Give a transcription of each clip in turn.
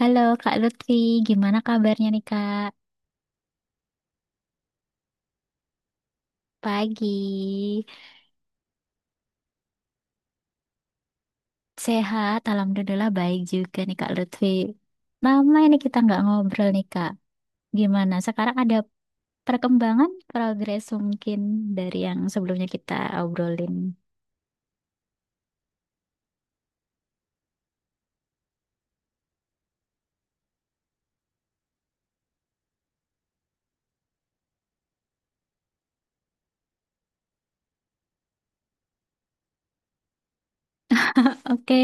Halo Kak Lutfi, gimana kabarnya nih Kak? Pagi, sehat, alhamdulillah baik juga nih Kak Lutfi. Lama ini kita nggak ngobrol nih Kak. Gimana? Sekarang ada perkembangan, progres mungkin dari yang sebelumnya kita obrolin. Oke,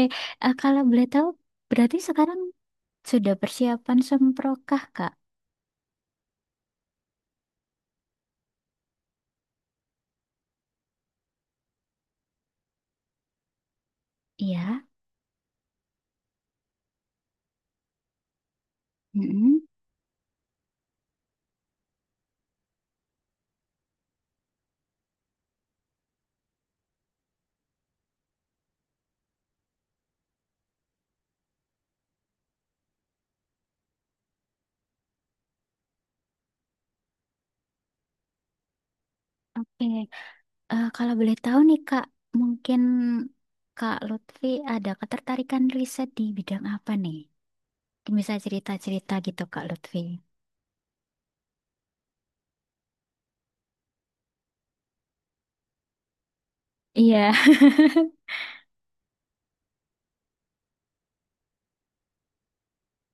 kalau boleh tahu, berarti sekarang sudah persiapan semprokah Kak? Iya. Mm-mm. Oke. Kalau boleh tahu nih Kak, mungkin Kak Lutfi ada ketertarikan riset di bidang apa nih? Mungkin bisa cerita-cerita gitu Kak Lutfi. Iya.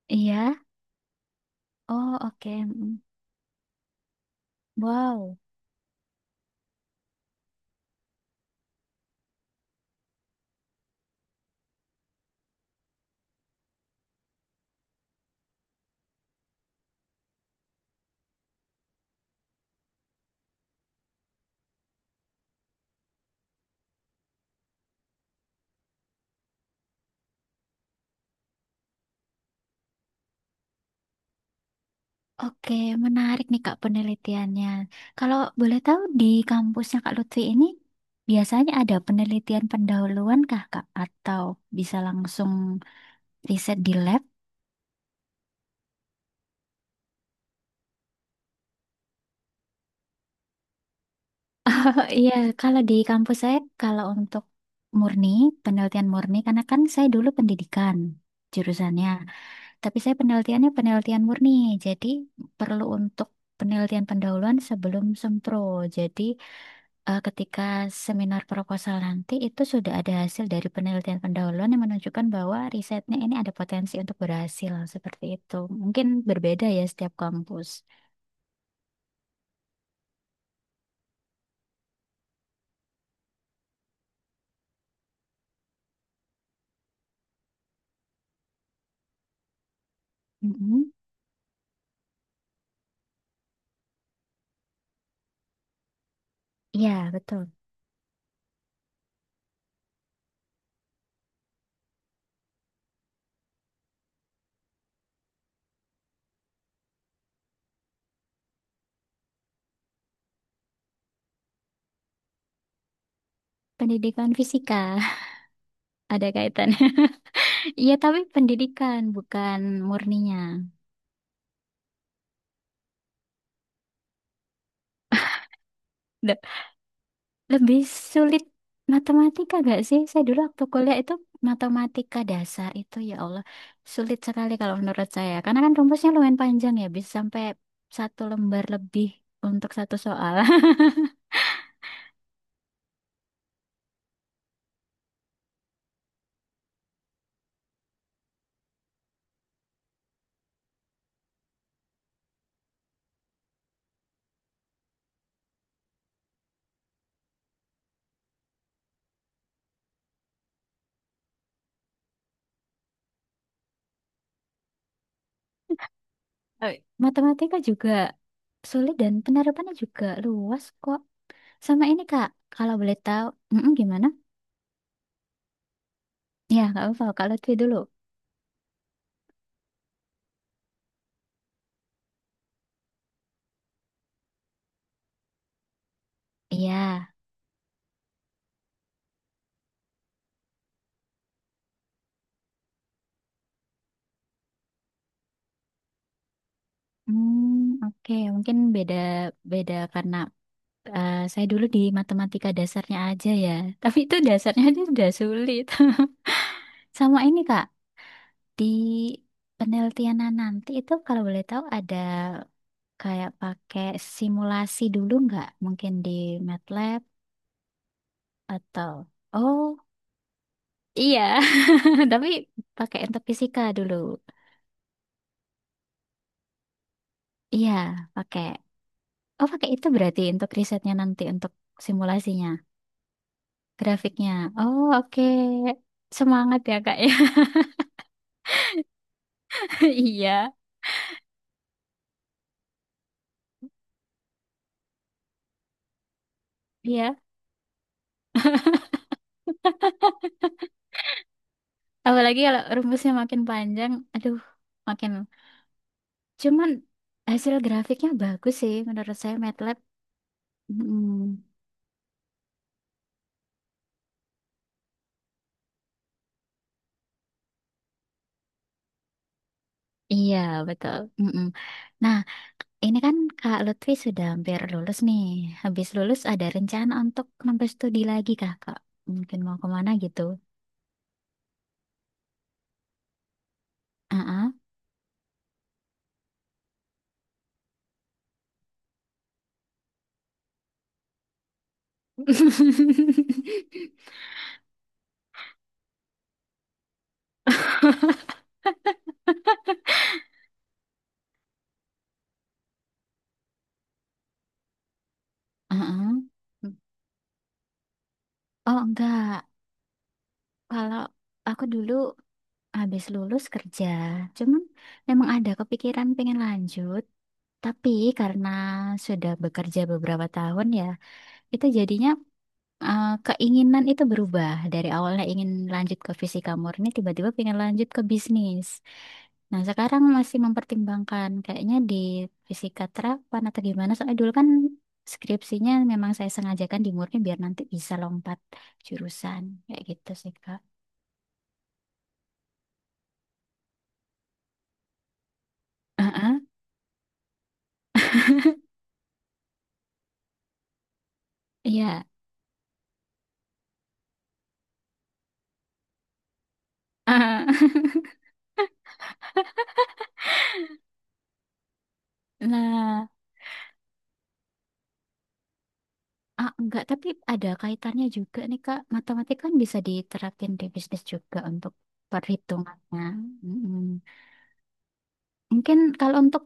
Iya. Oh, oke. Mm. Wow. Oke, menarik nih Kak penelitiannya. Kalau boleh tahu di kampusnya Kak Lutfi ini biasanya ada penelitian pendahuluan kah Kak? Atau bisa langsung riset di lab? Oh iya, kalau di kampus saya, kalau untuk murni, penelitian murni, karena kan saya dulu pendidikan jurusannya, tapi saya penelitiannya penelitian murni, jadi perlu untuk penelitian pendahuluan sebelum sempro. Jadi ketika seminar proposal nanti itu sudah ada hasil dari penelitian pendahuluan yang menunjukkan bahwa risetnya ini ada potensi untuk berhasil, seperti itu. Mungkin berbeda ya setiap kampus. Mm-mm. Iya, betul. Pendidikan fisika ada kaitannya. Iya, tapi pendidikan bukan murninya. Le- Lebih sulit matematika gak sih? Saya dulu waktu kuliah itu matematika dasar itu ya Allah sulit sekali kalau menurut saya. Karena kan rumusnya lumayan panjang ya, bisa sampai satu lembar lebih untuk satu soal. Eh, Matematika juga sulit dan penerapannya juga luas kok. Sama ini Kak, kalau boleh tahu, Mm-mm, gimana? Ya, nggak apa-apa. Kak Lutfi dulu. Iya. Hmm, oke. Mungkin beda beda karena saya dulu di matematika dasarnya aja ya. Tapi itu dasarnya aja sudah sulit. Sama ini Kak, di penelitianan nanti itu kalau boleh tahu ada kayak pakai simulasi dulu nggak? Mungkin di MATLAB atau Oh, iya. Tapi pakai untuk fisika dulu. Iya, pakai. Oh, pakai itu berarti untuk risetnya nanti untuk simulasinya. Grafiknya. Oh, oke. Semangat ya, Kak ya. Iya. Iya. Apalagi kalau rumusnya makin panjang, aduh, makin. Cuman hasil grafiknya bagus sih menurut saya MATLAB. Mm. Iya, betul. Mm-mm. Nah, ini kan Kak Lutfi sudah hampir lulus nih. Habis lulus ada rencana untuk nambah studi lagi, Kakak? Mungkin mau kemana gitu. Ah, ah. Ah, ah. Oh, enggak. Kalau aku dulu habis lulus kerja. Cuman memang ada kepikiran pengen lanjut, tapi karena sudah bekerja beberapa tahun ya, itu jadinya keinginan itu berubah. Dari awalnya ingin lanjut ke fisika murni, tiba-tiba pengen lanjut ke bisnis. Nah, sekarang masih mempertimbangkan kayaknya di fisika terapan atau gimana. Soalnya dulu kan skripsinya memang saya sengajakan di murni biar nanti bisa lompat jurusan. Kayak gitu sih, Kak. Heeh. Iya. Nah, ah, enggak, tapi ada kaitannya juga nih, Kak. Matematika kan bisa diterapin di bisnis juga untuk perhitungannya. Mm-mm. Mungkin kalau untuk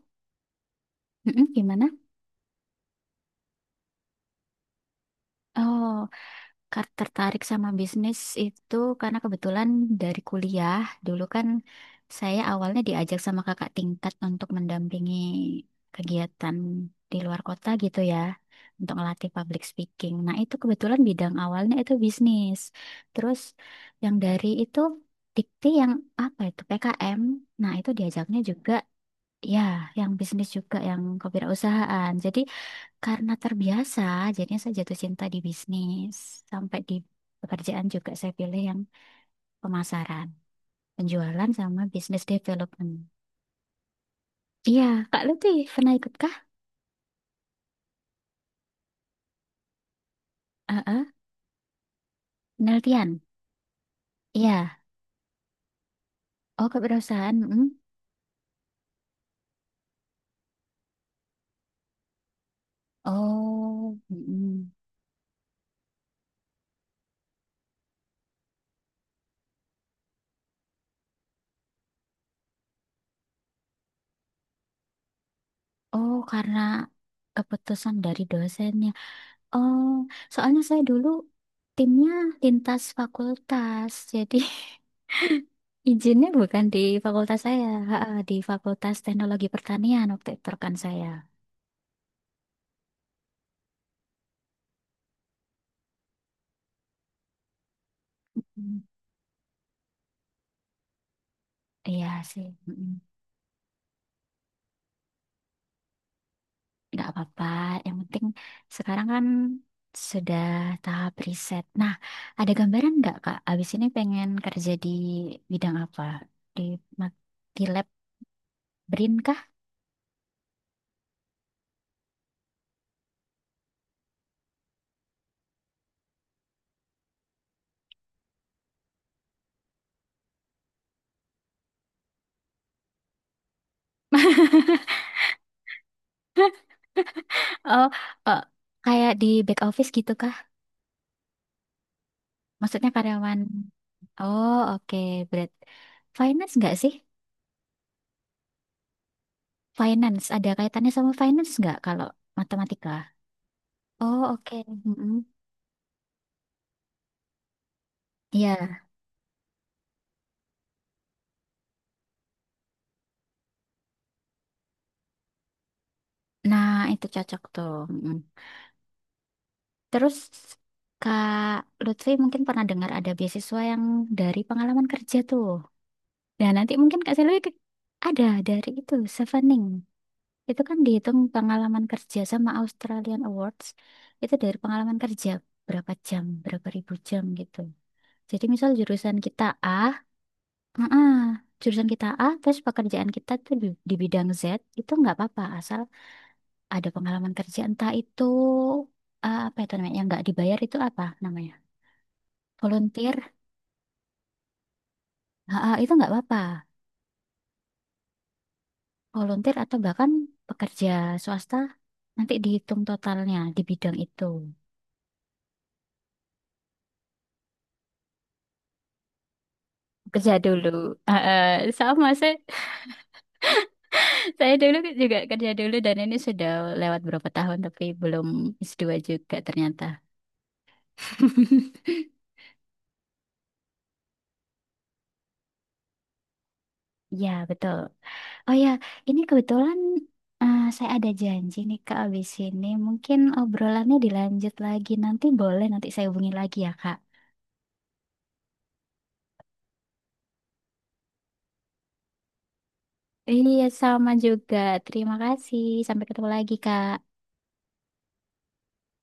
Mm-mm, gimana? Oh. Tertarik sama bisnis itu karena kebetulan dari kuliah dulu kan saya awalnya diajak sama kakak tingkat untuk mendampingi kegiatan di luar kota gitu ya untuk ngelatih public speaking. Nah itu kebetulan bidang awalnya itu bisnis. Terus yang dari itu dikti yang apa itu PKM. Nah itu diajaknya juga ya yang bisnis juga yang kewirausahaan. Jadi karena terbiasa, jadinya saya jatuh cinta di bisnis. Sampai di pekerjaan juga saya pilih yang pemasaran, penjualan sama business development. Iya, Kak Lutfi pernah ikut kah? Heeh, penelitian. Iya. Oh, keperusahaan. Mm. Oh, mm-mm. Oh, karena keputusan dari dosennya. Oh, soalnya saya dulu timnya lintas fakultas, jadi Izinnya bukan di fakultas saya, ha, ha, di Fakultas Teknologi Pertanian waktu itu kan saya. Hmm. Iya sih, mm-mm. Nggak apa-apa. Yang penting sekarang kan sudah tahap riset. Nah, ada gambaran nggak Kak? Abis ini pengen kerja di bidang apa? Di, ma- di lab BRIN kah? Oh, oh, kayak di back office gitu kah? Maksudnya karyawan. Oh, oke. Berat. Finance nggak sih? Finance, ada kaitannya sama finance nggak kalau matematika? Oh, oke. Mm-mm. Iya. Nah, itu cocok tuh. Mm-mm. Terus, Kak Lutfi mungkin pernah dengar ada beasiswa yang dari pengalaman kerja tuh. Nah, nanti mungkin ada dari itu, Chevening. Itu kan dihitung pengalaman kerja sama Australian Awards. Itu dari pengalaman kerja, berapa jam, berapa ribu jam gitu. Jadi misal jurusan kita A, Heeh. Jurusan kita A, terus pekerjaan kita tuh di bidang Z, itu nggak apa-apa, asal ada pengalaman kerja entah itu apa itu namanya, yang nggak dibayar itu apa namanya, volunteer, Heeh, itu nggak apa-apa, volunteer atau bahkan pekerja swasta nanti dihitung totalnya di bidang itu. Kerja dulu, Heeh, sama saya, saya dulu juga kerja dulu dan ini sudah lewat berapa tahun tapi belum S2 juga ternyata. Ya, betul. Oh ya, ini kebetulan saya ada janji nih Kak abis ini. Mungkin obrolannya dilanjut lagi nanti boleh nanti saya hubungi lagi ya Kak. Iya, sama juga. Terima kasih. Sampai ketemu lagi Kak.